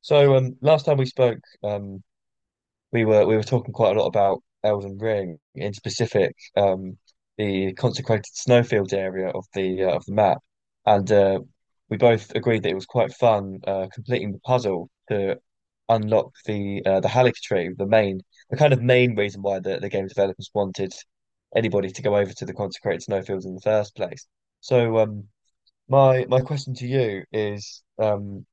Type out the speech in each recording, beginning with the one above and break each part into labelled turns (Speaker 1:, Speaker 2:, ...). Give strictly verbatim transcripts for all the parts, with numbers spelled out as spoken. Speaker 1: So um, last time we spoke, um, we were we were talking quite a lot about Elden Ring, in specific, um, the consecrated snowfield area of the uh, of the map, and uh, we both agreed that it was quite fun uh, completing the puzzle to unlock the uh, the Halic tree, the main the kind of main reason why the, the game developers wanted anybody to go over to the consecrated snowfields in the first place. So um, my my question to you is. Um,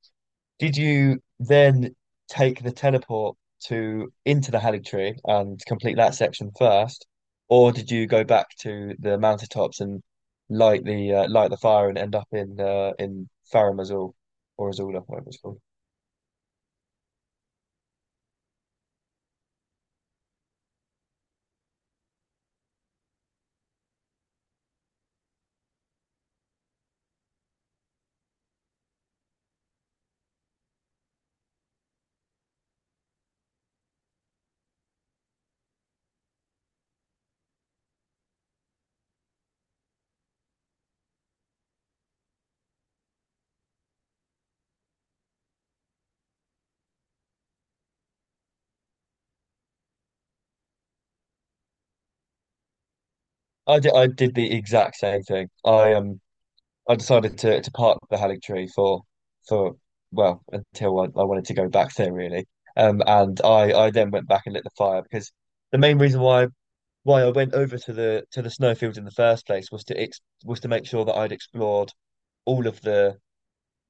Speaker 1: Did you then take the teleport to into the Halik Tree and complete that section first, or did you go back to the mountaintops and light the uh, light the fire and end up in uh, in Farum Azula or Azula, whatever it's called? I did I did the exact same thing. I um I decided to to park the Halik Tree for for well until I, I wanted to go back there really. Um and I I then went back and lit the fire because the main reason why why I went over to the to the snowfield in the first place was to ex was to make sure that I'd explored all of the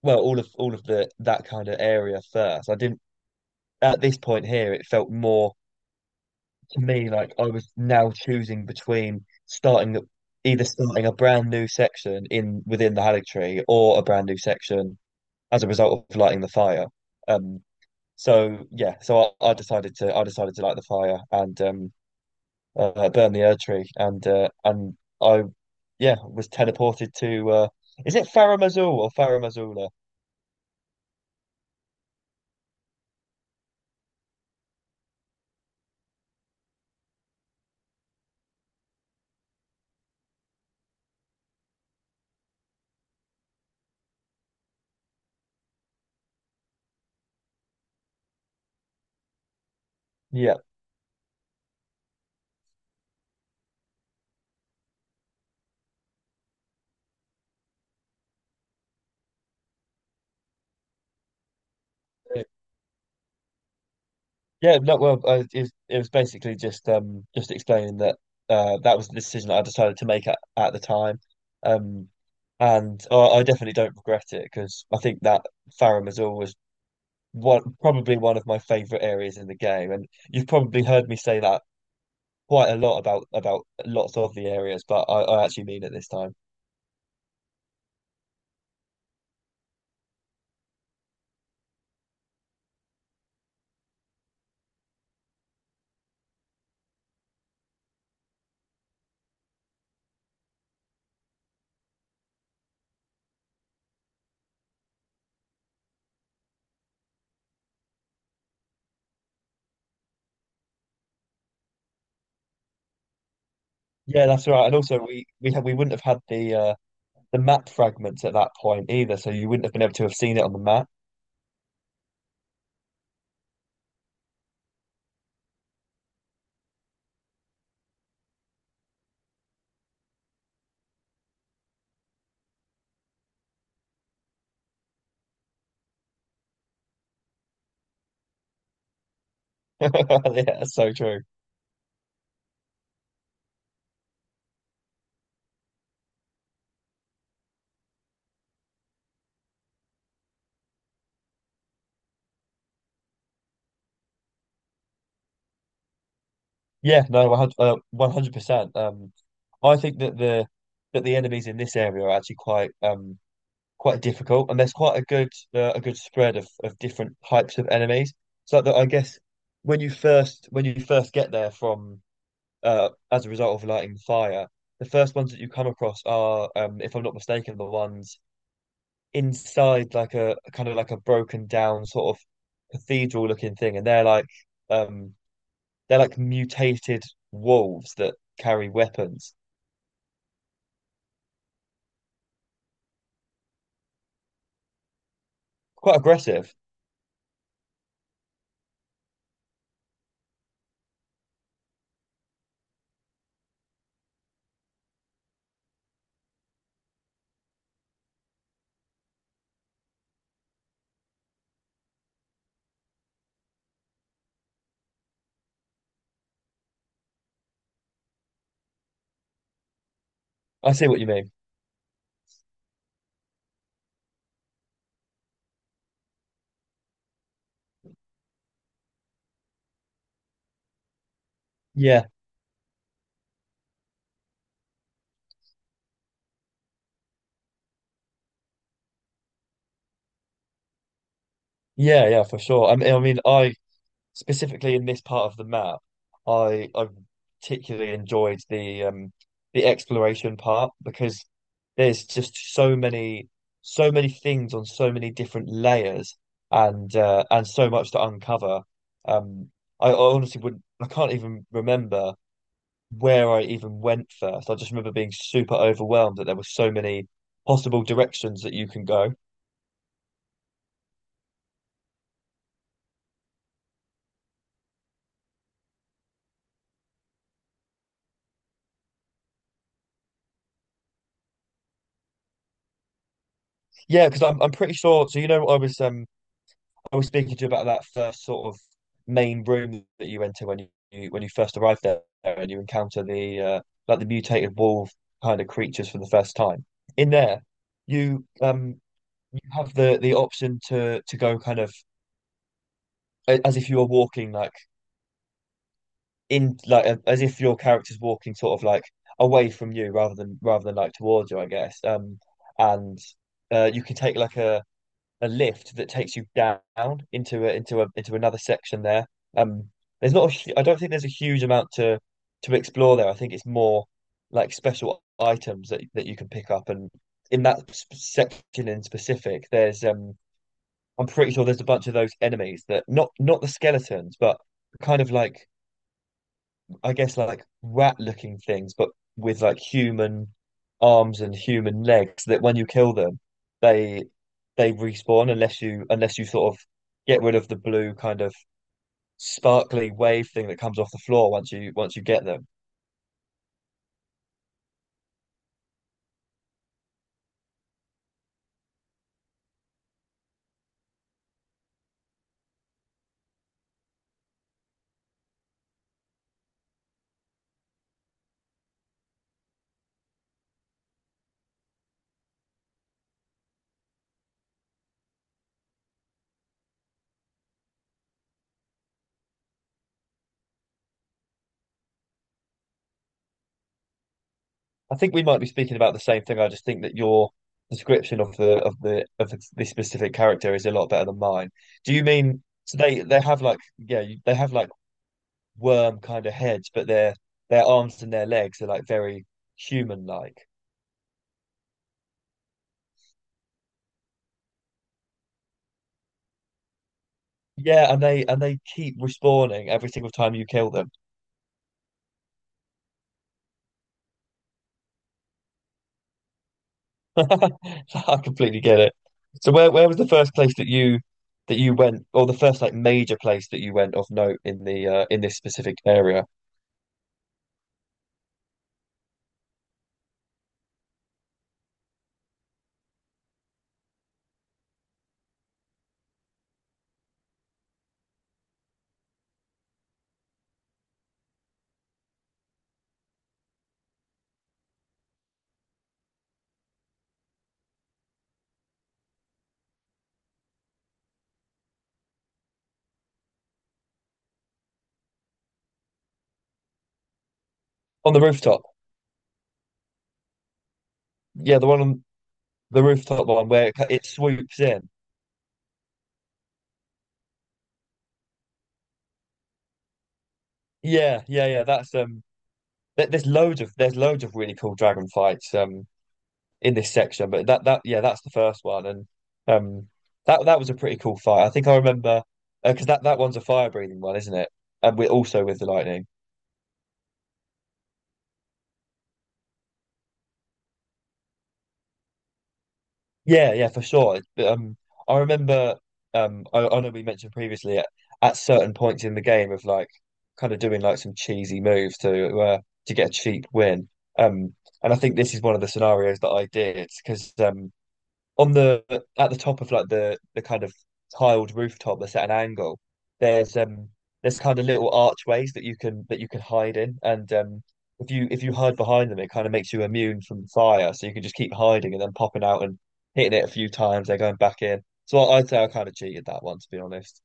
Speaker 1: well all of all of the that kind of area first. I didn't at this point here it felt more to me like I was now choosing between starting the- either starting a brand new section in within the Hallig tree or a brand new section as a result of lighting the fire. Um so yeah, so I, I decided to I decided to light the fire and um uh, burn the Erd tree and uh, and I yeah, was teleported to uh is it Farah Mazul or Farah Mazula? Yeah. It- Yeah, no, well, uh, it was, it was basically just um just explaining that uh that was the decision that I decided to make at, at the time. Um and I, I definitely don't regret it because I think that Farah Mazul was one probably one of my favorite areas in the game, and you've probably heard me say that quite a lot about about lots of the areas, but I, I actually mean it this time. Yeah, that's right. And also we we ha we wouldn't have had the uh the map fragments at that point either, so you wouldn't have been able to have seen it on the map. Yeah, that's so true. Yeah, no, a hundred, uh, a hundred percent. Um, I think that the that the enemies in this area are actually quite um quite difficult, and there's quite a good uh, a good spread of, of different types of enemies. So that I guess when you first when you first get there from uh as a result of lighting the fire, the first ones that you come across are, um, if I'm not mistaken, the ones inside like a kind of like a broken down sort of cathedral looking thing, and they're like um they're like mutated wolves that carry weapons. Quite aggressive. I see what you mean. Yeah, yeah, yeah, for sure. I mean, I mean, I specifically in this part of the map, I I particularly enjoyed the um the exploration part because there's just so many so many things on so many different layers and uh, and so much to uncover. Um, I, I honestly wouldn't I can't even remember where I even went first. I just remember being super overwhelmed that there were so many possible directions that you can go. Yeah, because I'm I'm pretty sure. So you know, I was um I was speaking to you about that first sort of main room that you enter when you when you first arrive there and you encounter the uh, like the mutated wolf kind of creatures for the first time. In there, you um you have the the option to to go kind of a- as if you were walking like in like a- as if your character's walking sort of like away from you rather than rather than like towards you, I guess. Um, and uh, you can take like a a lift that takes you down into a, into a into another section there. Um, there's not a, I don't think there's a huge amount to to explore there. I think it's more like special items that that you can pick up, and in that section in specific, there's um, I'm pretty sure there's a bunch of those enemies that not not the skeletons, but kind of like I guess like rat looking things, but with like human arms and human legs that when you kill them, they they respawn unless you unless you sort of get rid of the blue kind of sparkly wave thing that comes off the floor once you once you get them. I think we might be speaking about the same thing. I just think that your description of the of the of the, the specific character is a lot better than mine. Do you mean so they they have like yeah you- they have like worm kind of heads, but their their arms and their legs are like very human like. Yeah, and they and they keep respawning every single time you kill them. So I completely get it. So where where was the first place that you that you went, or the first like major place that you went of note in the uh, in this specific area? On the rooftop. Yeah, the one on the rooftop one where it, ca- it swoops in. Yeah, yeah, yeah. That's um. th- There's loads of there's loads of really cool dragon fights. Um, in this section. But that that yeah, that's the first one, and um, that that was a pretty cool fight. I think I remember because that that one's a fire breathing one, isn't it? And we also with the lightning. Yeah, yeah, for sure. But, um, I remember um, I, I know we mentioned previously at, at certain points in the game of like kind of doing like some cheesy moves to uh, to get a cheap win. Um, and I think this is one of the scenarios that I did because um. on the at the top of like the the kind of tiled rooftop that's at an angle, there's um there's kind of little archways that you can that you can hide in, and um if you if you hide behind them, it kind of makes you immune from the fire, so you can just keep hiding and then popping out and hitting it a few times, then going back in. So I, I'd say I kind of cheated that one, to be honest.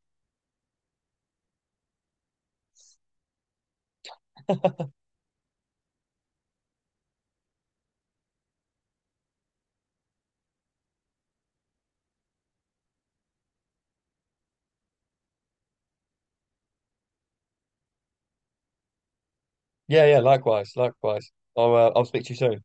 Speaker 1: Yeah, yeah, likewise, likewise. I'll uh, I'll speak to you soon.